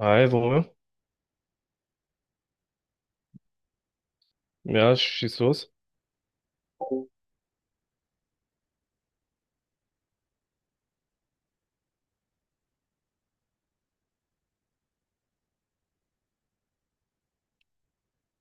Hi, Romeo. Ja, schieß los.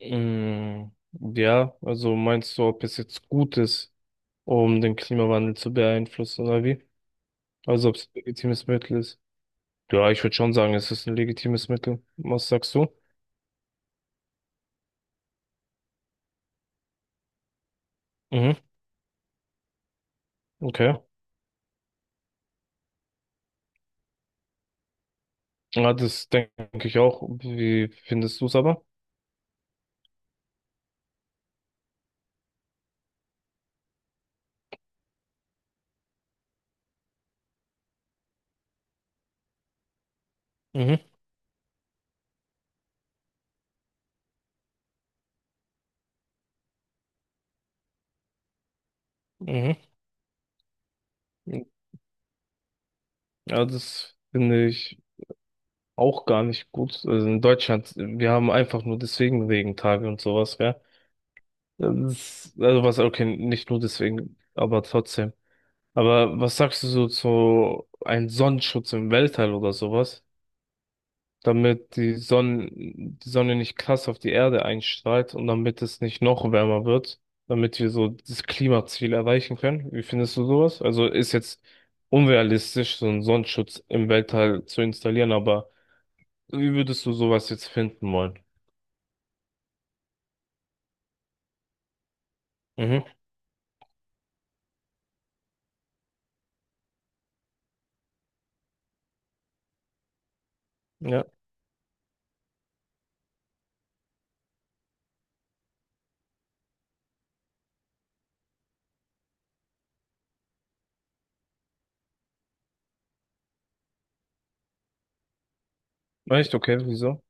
Mm, ja, also meinst du, ob es jetzt gut ist, um den Klimawandel zu beeinflussen oder wie? Also ob es ein legitimes Mittel ist? Ja, ich würde schon sagen, es ist ein legitimes Mittel. Was sagst du? Mhm, okay. Ja, das denke ich auch. Wie findest du es aber? Mhm, mhm. Ja, das finde ich auch gar nicht gut. Also in Deutschland, wir haben einfach nur deswegen Regentage und sowas, gell? Das, also was, okay, nicht nur deswegen, aber trotzdem. Aber was sagst du so zu einem Sonnenschutz im Weltall oder sowas? Damit die Sonne nicht krass auf die Erde einstrahlt und damit es nicht noch wärmer wird, damit wir so das Klimaziel erreichen können. Wie findest du sowas? Also ist jetzt unrealistisch, so einen Sonnenschutz im Weltall zu installieren, aber wie würdest du sowas jetzt finden wollen? Mhm, ja. Echt, okay, wieso?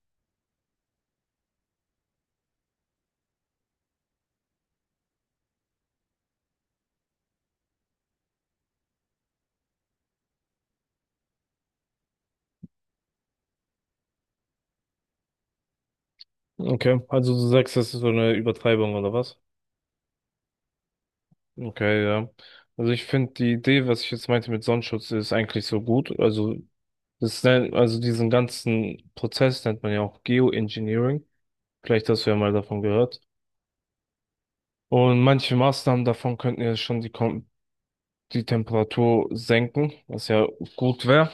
Okay, also du sagst, das ist so eine Übertreibung oder was? Okay, ja. Also ich finde die Idee, was ich jetzt meinte mit Sonnenschutz, ist eigentlich so gut. Also das nennt, also diesen ganzen Prozess nennt man ja auch Geoengineering. Vielleicht hast du ja mal davon gehört. Und manche Maßnahmen davon könnten ja schon die Temperatur senken, was ja gut wäre.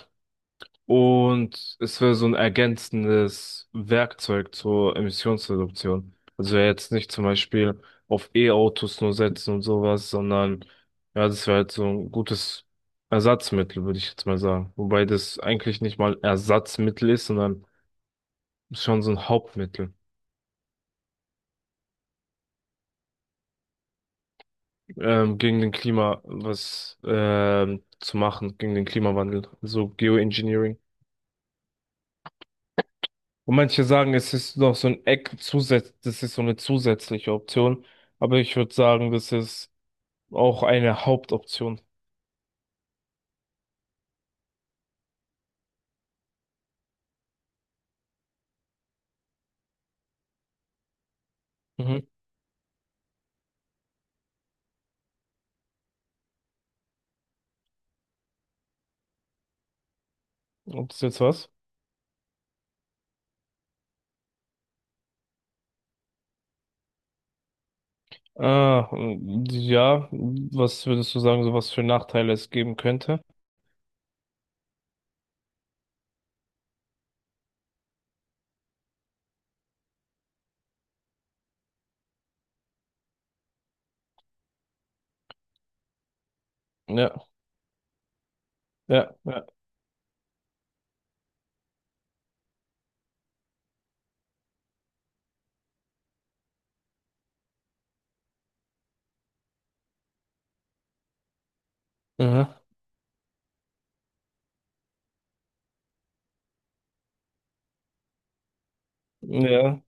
Und es wäre so ein ergänzendes Werkzeug zur Emissionsreduktion. Also wär jetzt nicht zum Beispiel auf E-Autos nur setzen und sowas, sondern ja, das wäre halt so ein gutes Ersatzmittel, würde ich jetzt mal sagen. Wobei das eigentlich nicht mal Ersatzmittel ist, sondern schon so ein Hauptmittel, gegen den Klima was zu machen, gegen den Klimawandel. So Geoengineering. Und manche sagen, es ist noch so ein Eck zusätzlich, das ist so eine zusätzliche Option. Aber ich würde sagen, das ist auch eine Hauptoption. Mhm. Ob das ist jetzt was? Ah, mm, ja. Was würdest du sagen, so was für Nachteile es geben könnte? Ja, ja, ja. Mhm. Ja,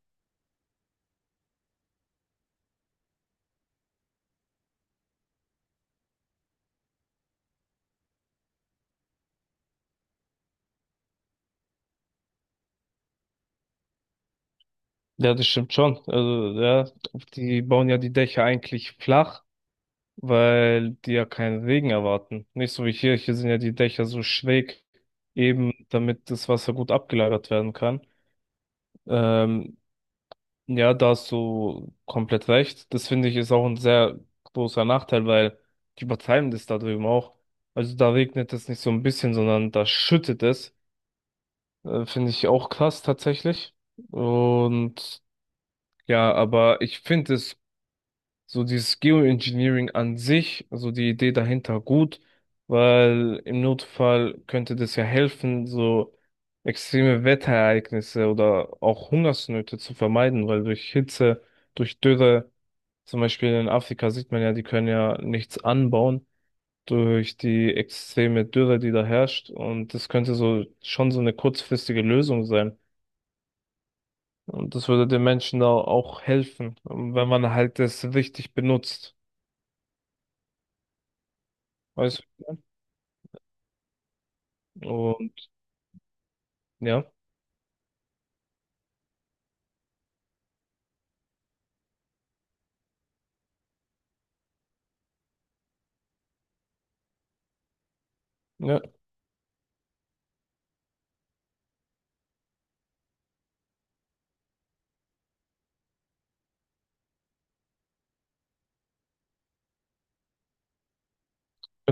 ja, das stimmt schon. Also, ja, die bauen ja die Dächer eigentlich flach, weil die ja keinen Regen erwarten. Nicht so wie hier, hier sind ja die Dächer so schräg, eben damit das Wasser gut abgelagert werden kann. Ähm, ja, da hast du komplett recht. Das finde ich ist auch ein sehr großer Nachteil, weil die übertreiben das da drüben auch. Also da regnet es nicht so ein bisschen, sondern da schüttet es. Finde ich auch krass tatsächlich. Und ja, aber ich finde es so dieses Geoengineering an sich, also die Idee dahinter gut, weil im Notfall könnte das ja helfen, so extreme Wetterereignisse oder auch Hungersnöte zu vermeiden, weil durch Hitze, durch Dürre, zum Beispiel in Afrika sieht man ja, die können ja nichts anbauen durch die extreme Dürre, die da herrscht, und das könnte so schon so eine kurzfristige Lösung sein. Und das würde den Menschen da auch helfen, wenn man halt das richtig benutzt. Weißt du? Und ja, ja,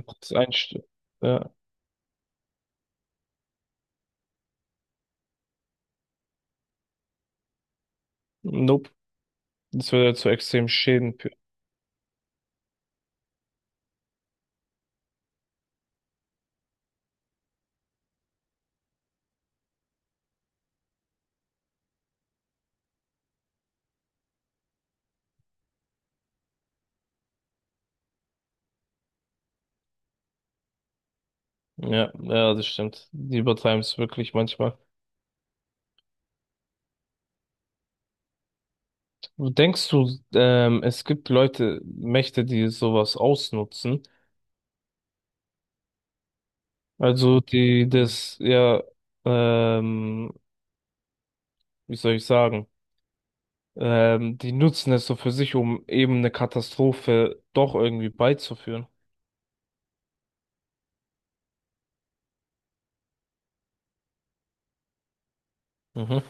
gutes Einst, ja, nope, das würde zu extremen Schäden führen. Ja, ja, das stimmt. Die übertreiben es wirklich manchmal. Denkst du, es gibt Leute, Mächte, die sowas ausnutzen? Also die das, ja, ähm, wie soll ich sagen? Die nutzen es so für sich, um eben eine Katastrophe doch irgendwie beizuführen. Mhm.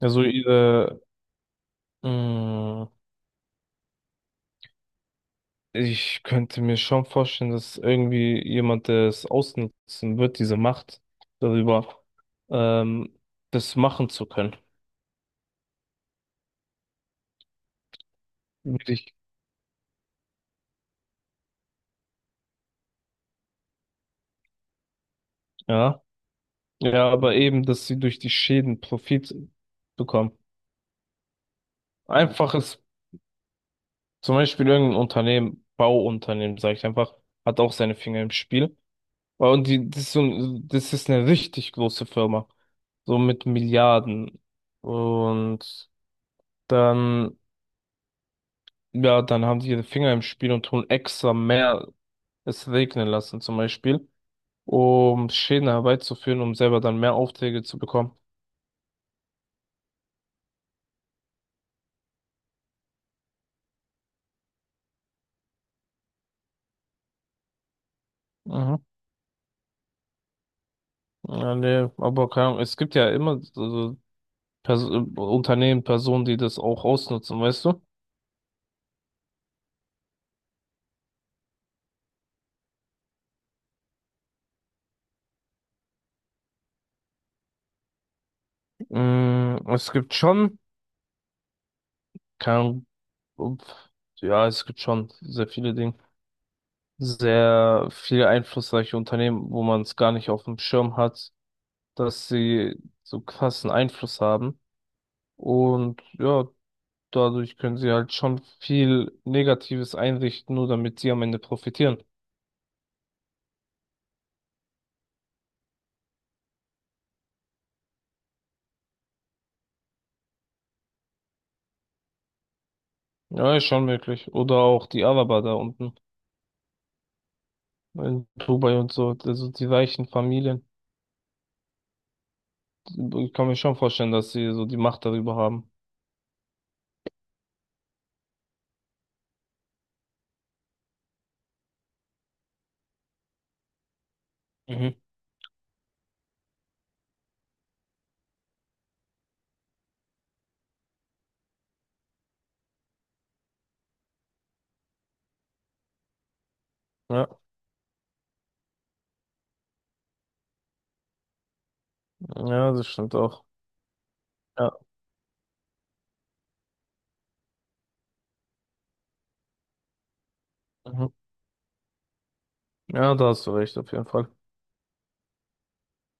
Also ihre, mm, ich könnte mir schon vorstellen, dass irgendwie jemand das ausnutzen wird, diese Macht darüber, ähm, das machen zu können. Würde ich- Ja, ja, aber eben, dass sie durch die Schäden Profit bekommen. Einfaches, zum Beispiel irgendein Unternehmen, Bauunternehmen, sage ich einfach, hat auch seine Finger im Spiel. Aber Und die, das ist so, das ist eine richtig große Firma, so mit Milliarden. Und dann Ja, dann haben die ihre Finger im Spiel und tun extra mehr es regnen lassen, zum Beispiel, um Schäden herbeizuführen, um selber dann mehr Aufträge zu bekommen. Mhm. Ja, nee, aber keine Ahnung, es gibt ja immer so Pers Unternehmen, Personen, die das auch ausnutzen, weißt du? Es gibt schon, keine Ahnung, ups, ja, es gibt schon sehr viele Dinge, sehr viele einflussreiche Unternehmen, wo man es gar nicht auf dem Schirm hat, dass sie so krassen Einfluss haben. Und ja, dadurch können sie halt schon viel Negatives einrichten, nur damit sie am Ende profitieren. Ja, ist schon möglich. Oder auch die Araber da unten in Dubai und so, also die reichen Familien. Ich kann mir schon vorstellen, dass sie so die Macht darüber haben. Mhm. Ja, ja, das stimmt auch. Ja, mhm. Ja, da hast du recht, auf jeden Fall.